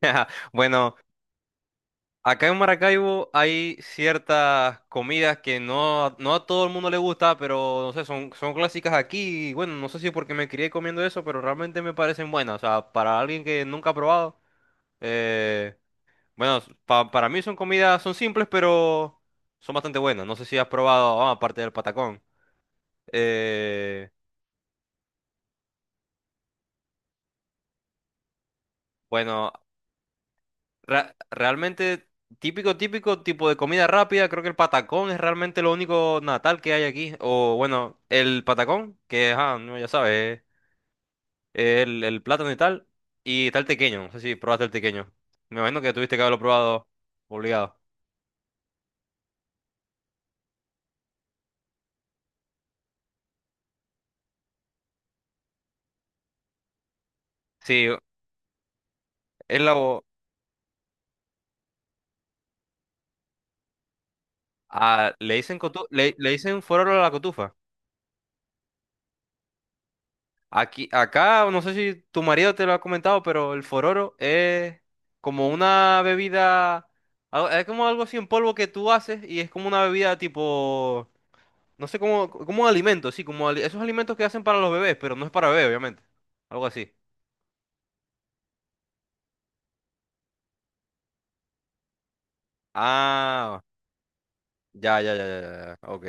Ajá, Bueno, acá en Maracaibo hay ciertas comidas que no a todo el mundo le gusta, pero no sé, son clásicas aquí. Y bueno, no sé si es porque me crié comiendo eso, pero realmente me parecen buenas. O sea, para alguien que nunca ha probado, eh, bueno, para mí son comidas, son simples, pero son bastante buenas. No sé si has probado, ah, aparte del patacón. Eh, bueno, realmente típico, típico tipo de comida rápida. Creo que el patacón es realmente lo único natal que hay aquí. O bueno, el patacón, que ajá, no, ya sabes, el plátano y tal. Y está el tequeño. No sé si probaste el tequeño. Me imagino que tuviste que haberlo probado obligado. Sí, es la... ah, le dicen le dicen fuera de la cotufa. Aquí, acá, no sé si tu marido te lo ha comentado, pero el fororo es como una bebida, es como algo así en polvo que tú haces y es como una bebida tipo, no sé cómo, como un alimento, sí, como esos alimentos que hacen para los bebés, pero no es para bebé, obviamente. Algo así. Ah, ya, ya, ya, ya, ya, ya, ok.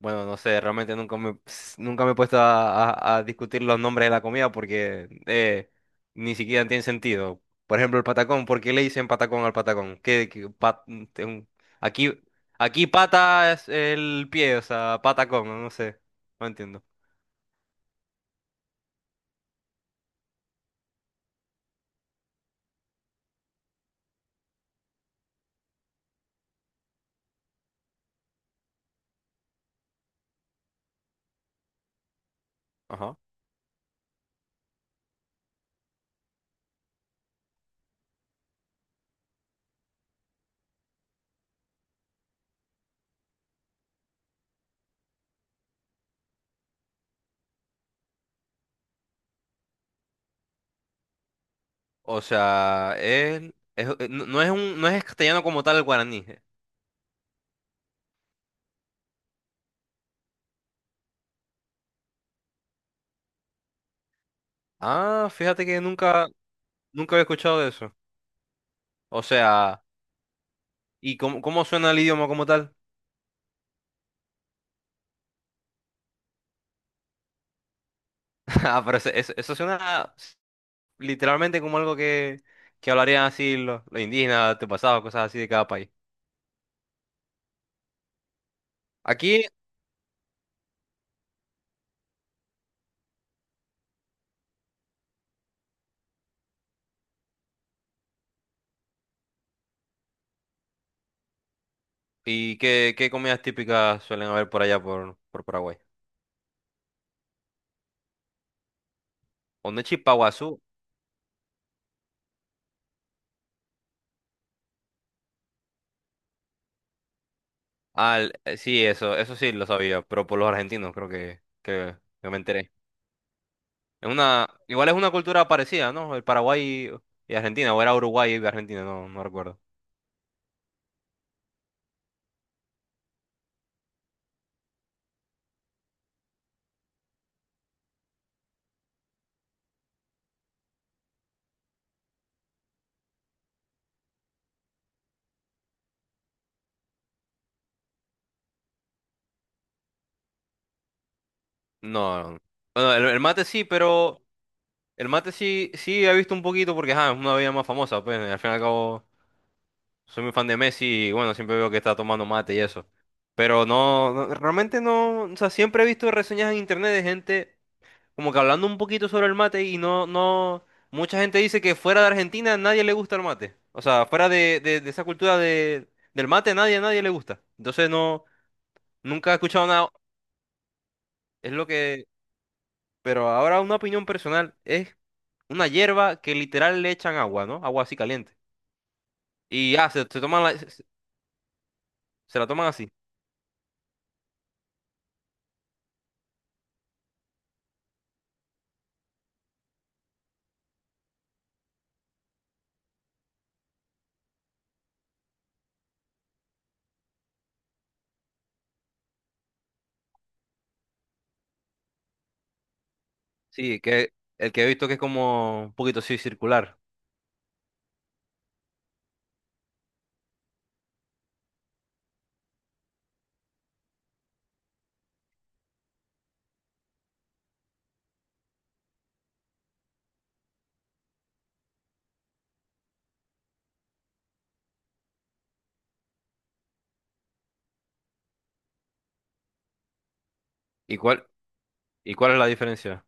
Bueno, no sé, realmente nunca me he puesto a discutir los nombres de la comida porque ni siquiera tienen sentido. Por ejemplo, el patacón, ¿por qué le dicen patacón al patacón? ¿Qué, qué pa- te- un-? Aquí, aquí pata es el pie, o sea, patacón, no sé, no entiendo. Ajá. O sea, no es castellano como tal, el guaraní. Ah, fíjate que nunca había escuchado de eso. O sea, ¿y cómo suena el idioma como tal? Ah, pero eso suena literalmente como algo que hablarían así los indígenas, antepasados, cosas así de cada país. Aquí, ¿y qué comidas típicas suelen haber por allá por Paraguay? Ondechi Paguazú. Ah, el- sí, eso sí lo sabía, pero por los argentinos creo que me enteré. Es una, igual es una cultura parecida, ¿no? El Paraguay y Argentina, o era Uruguay y Argentina, no, no recuerdo. No, no. Bueno, el mate sí, pero el mate sí, sí he visto un poquito porque ajá, es una bebida más famosa, pues al fin y al cabo. Soy muy fan de Messi y bueno, siempre veo que está tomando mate y eso. Pero no, no, realmente no, o sea, siempre he visto reseñas en internet de gente como que hablando un poquito sobre el mate y no, no, mucha gente dice que fuera de Argentina nadie le gusta el mate. O sea, fuera de, de esa cultura de, del mate nadie, nadie le gusta. Entonces no, nunca he escuchado nada, es lo que, pero ahora una opinión personal es una hierba que literal le echan agua, ¿no? Agua así caliente. Y ya, se la toman así. Sí, que el que he visto que es como un poquito así circular. ¿Y cuál es la diferencia?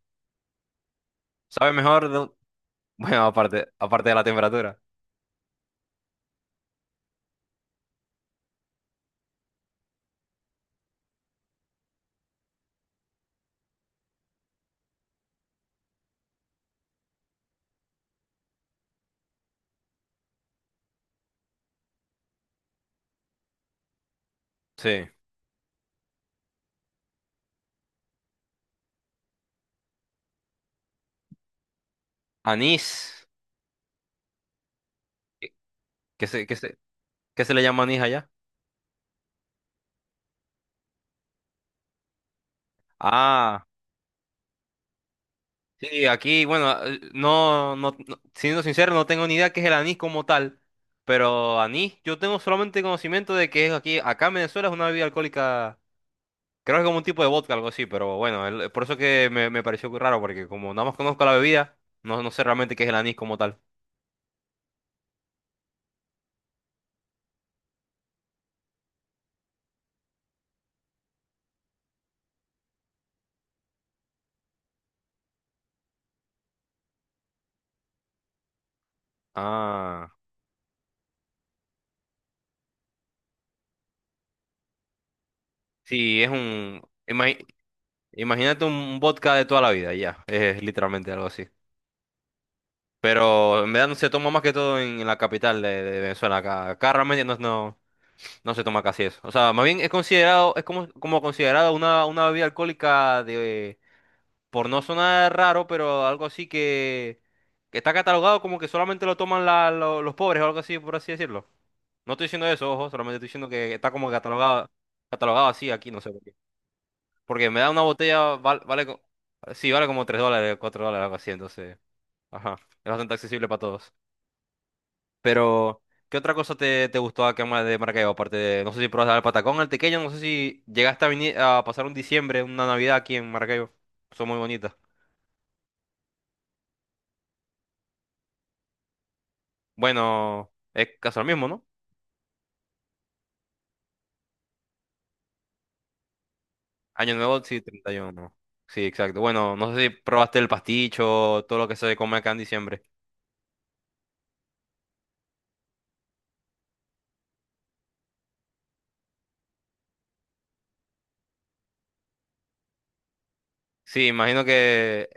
¿Sabe mejor? Bueno, aparte, aparte de la temperatura. Sí. Anís. ¿Qué qué se qué se, le llama anís allá? Ah, sí, aquí, bueno, siendo sincero, no tengo ni idea qué es el anís como tal. Pero anís, yo tengo solamente conocimiento de que es aquí, acá en Venezuela es una bebida alcohólica. Creo que es como un tipo de vodka, algo así, pero bueno, el- por eso que me pareció muy raro, porque como nada más conozco la bebida, no sé realmente qué es el anís como tal. Ah, sí, es un... imagi- imagínate un vodka de toda la vida, ya, es literalmente algo así. Pero en verdad no se toma más que todo en, la capital de Venezuela, acá realmente no se toma casi eso. O sea, más bien es considerado, es como considerado una bebida alcohólica de, por no sonar raro, pero algo así que está catalogado como que solamente lo toman los pobres o algo así, por así decirlo. No estoy diciendo eso, ojo, solamente estoy diciendo que está como catalogado, catalogado así aquí, no sé por qué. Porque me da una botella, vale, sí, vale como 3 dólares, 4 dólares, algo así, entonces, ajá, es bastante accesible para todos. Pero, ¿qué otra cosa te gustó acá en de Maracaibo? Aparte de, no sé si probaste el patacón, el tequeño, no sé si llegaste a, venir, a pasar un diciembre, una Navidad aquí en Maracaibo. Son muy bonitas. Bueno, es casi lo mismo, ¿no? Año nuevo, sí, 31. Sí, exacto. Bueno, no sé si probaste el pasticho, todo lo que se come acá en diciembre. Sí, imagino que...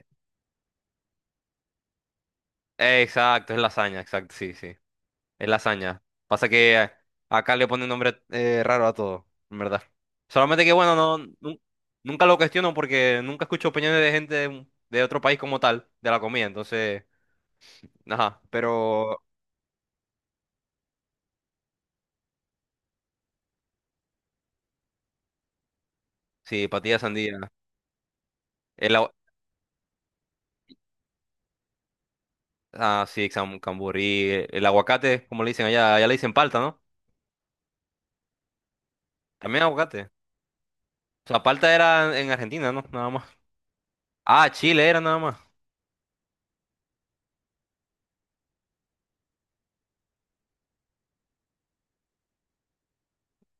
exacto, es lasaña, exacto, sí, sí. Es lasaña. Pasa que acá le ponen nombre raro a todo, en verdad. Solamente que, bueno, no, nunca lo cuestiono porque nunca escucho opiniones de gente de otro país como tal, de la comida. Entonces, ajá, pero sí, patilla de sandía. Ah, sí, camburí. El aguacate, como le dicen allá, allá le dicen palta, ¿no? También aguacate. O sea, palta era en Argentina, ¿no? Nada más. Ah, Chile era nada más.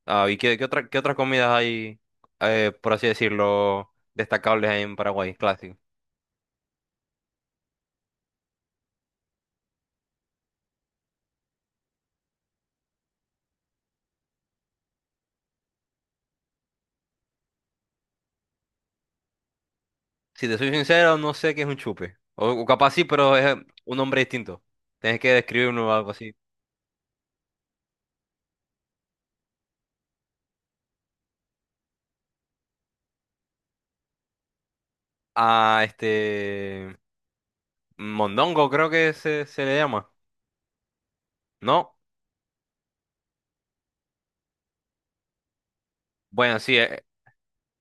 Ah, ¿y qué otras comidas hay, por así decirlo, destacables en Paraguay, clásico? Si te soy sincero, no sé qué es un chupe. O capaz sí, pero es un nombre distinto. Tienes que describirlo o algo así. Ah, este... Mondongo creo que se le llama. ¿No? Bueno, sí.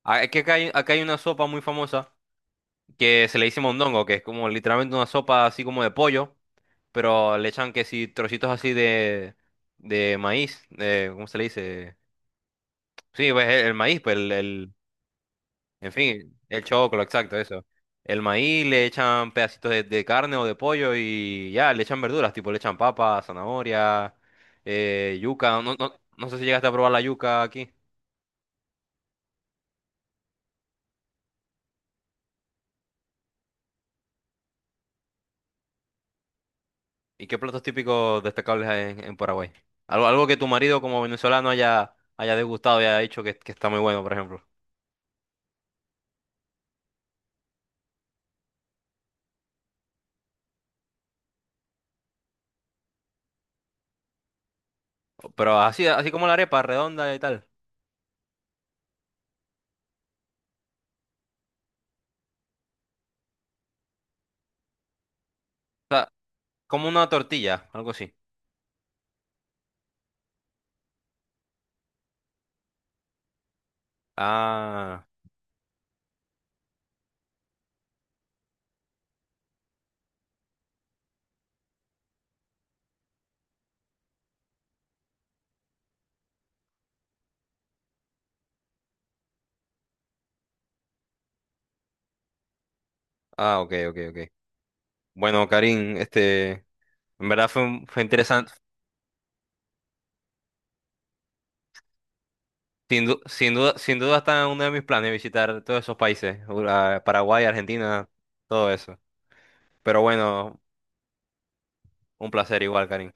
Ah, es que acá hay una sopa muy famosa que se le dice mondongo, que es como literalmente una sopa así como de pollo, pero le echan que si trocitos así de maíz, de, ¿cómo se le dice? Sí, pues el maíz, pues en fin, el choclo, exacto, eso. El maíz le echan pedacitos de, carne o de pollo y ya, le echan verduras, tipo le echan papa, zanahoria, yuca, no, no, no sé si llegaste a probar la yuca aquí. ¿Y qué platos típicos destacables hay en, Paraguay? Algo, algo que tu marido como venezolano haya degustado y haya dicho que está muy bueno, por ejemplo. Pero así, así como la arepa redonda y tal. O sea, como una tortilla, algo así. Ah, ah, ok, ok, ok. Bueno, Karim, este, en verdad fue, fue interesante. Sin duda está en uno de mis planes visitar todos esos países, Paraguay, Argentina, todo eso. Pero bueno, un placer igual, Karim.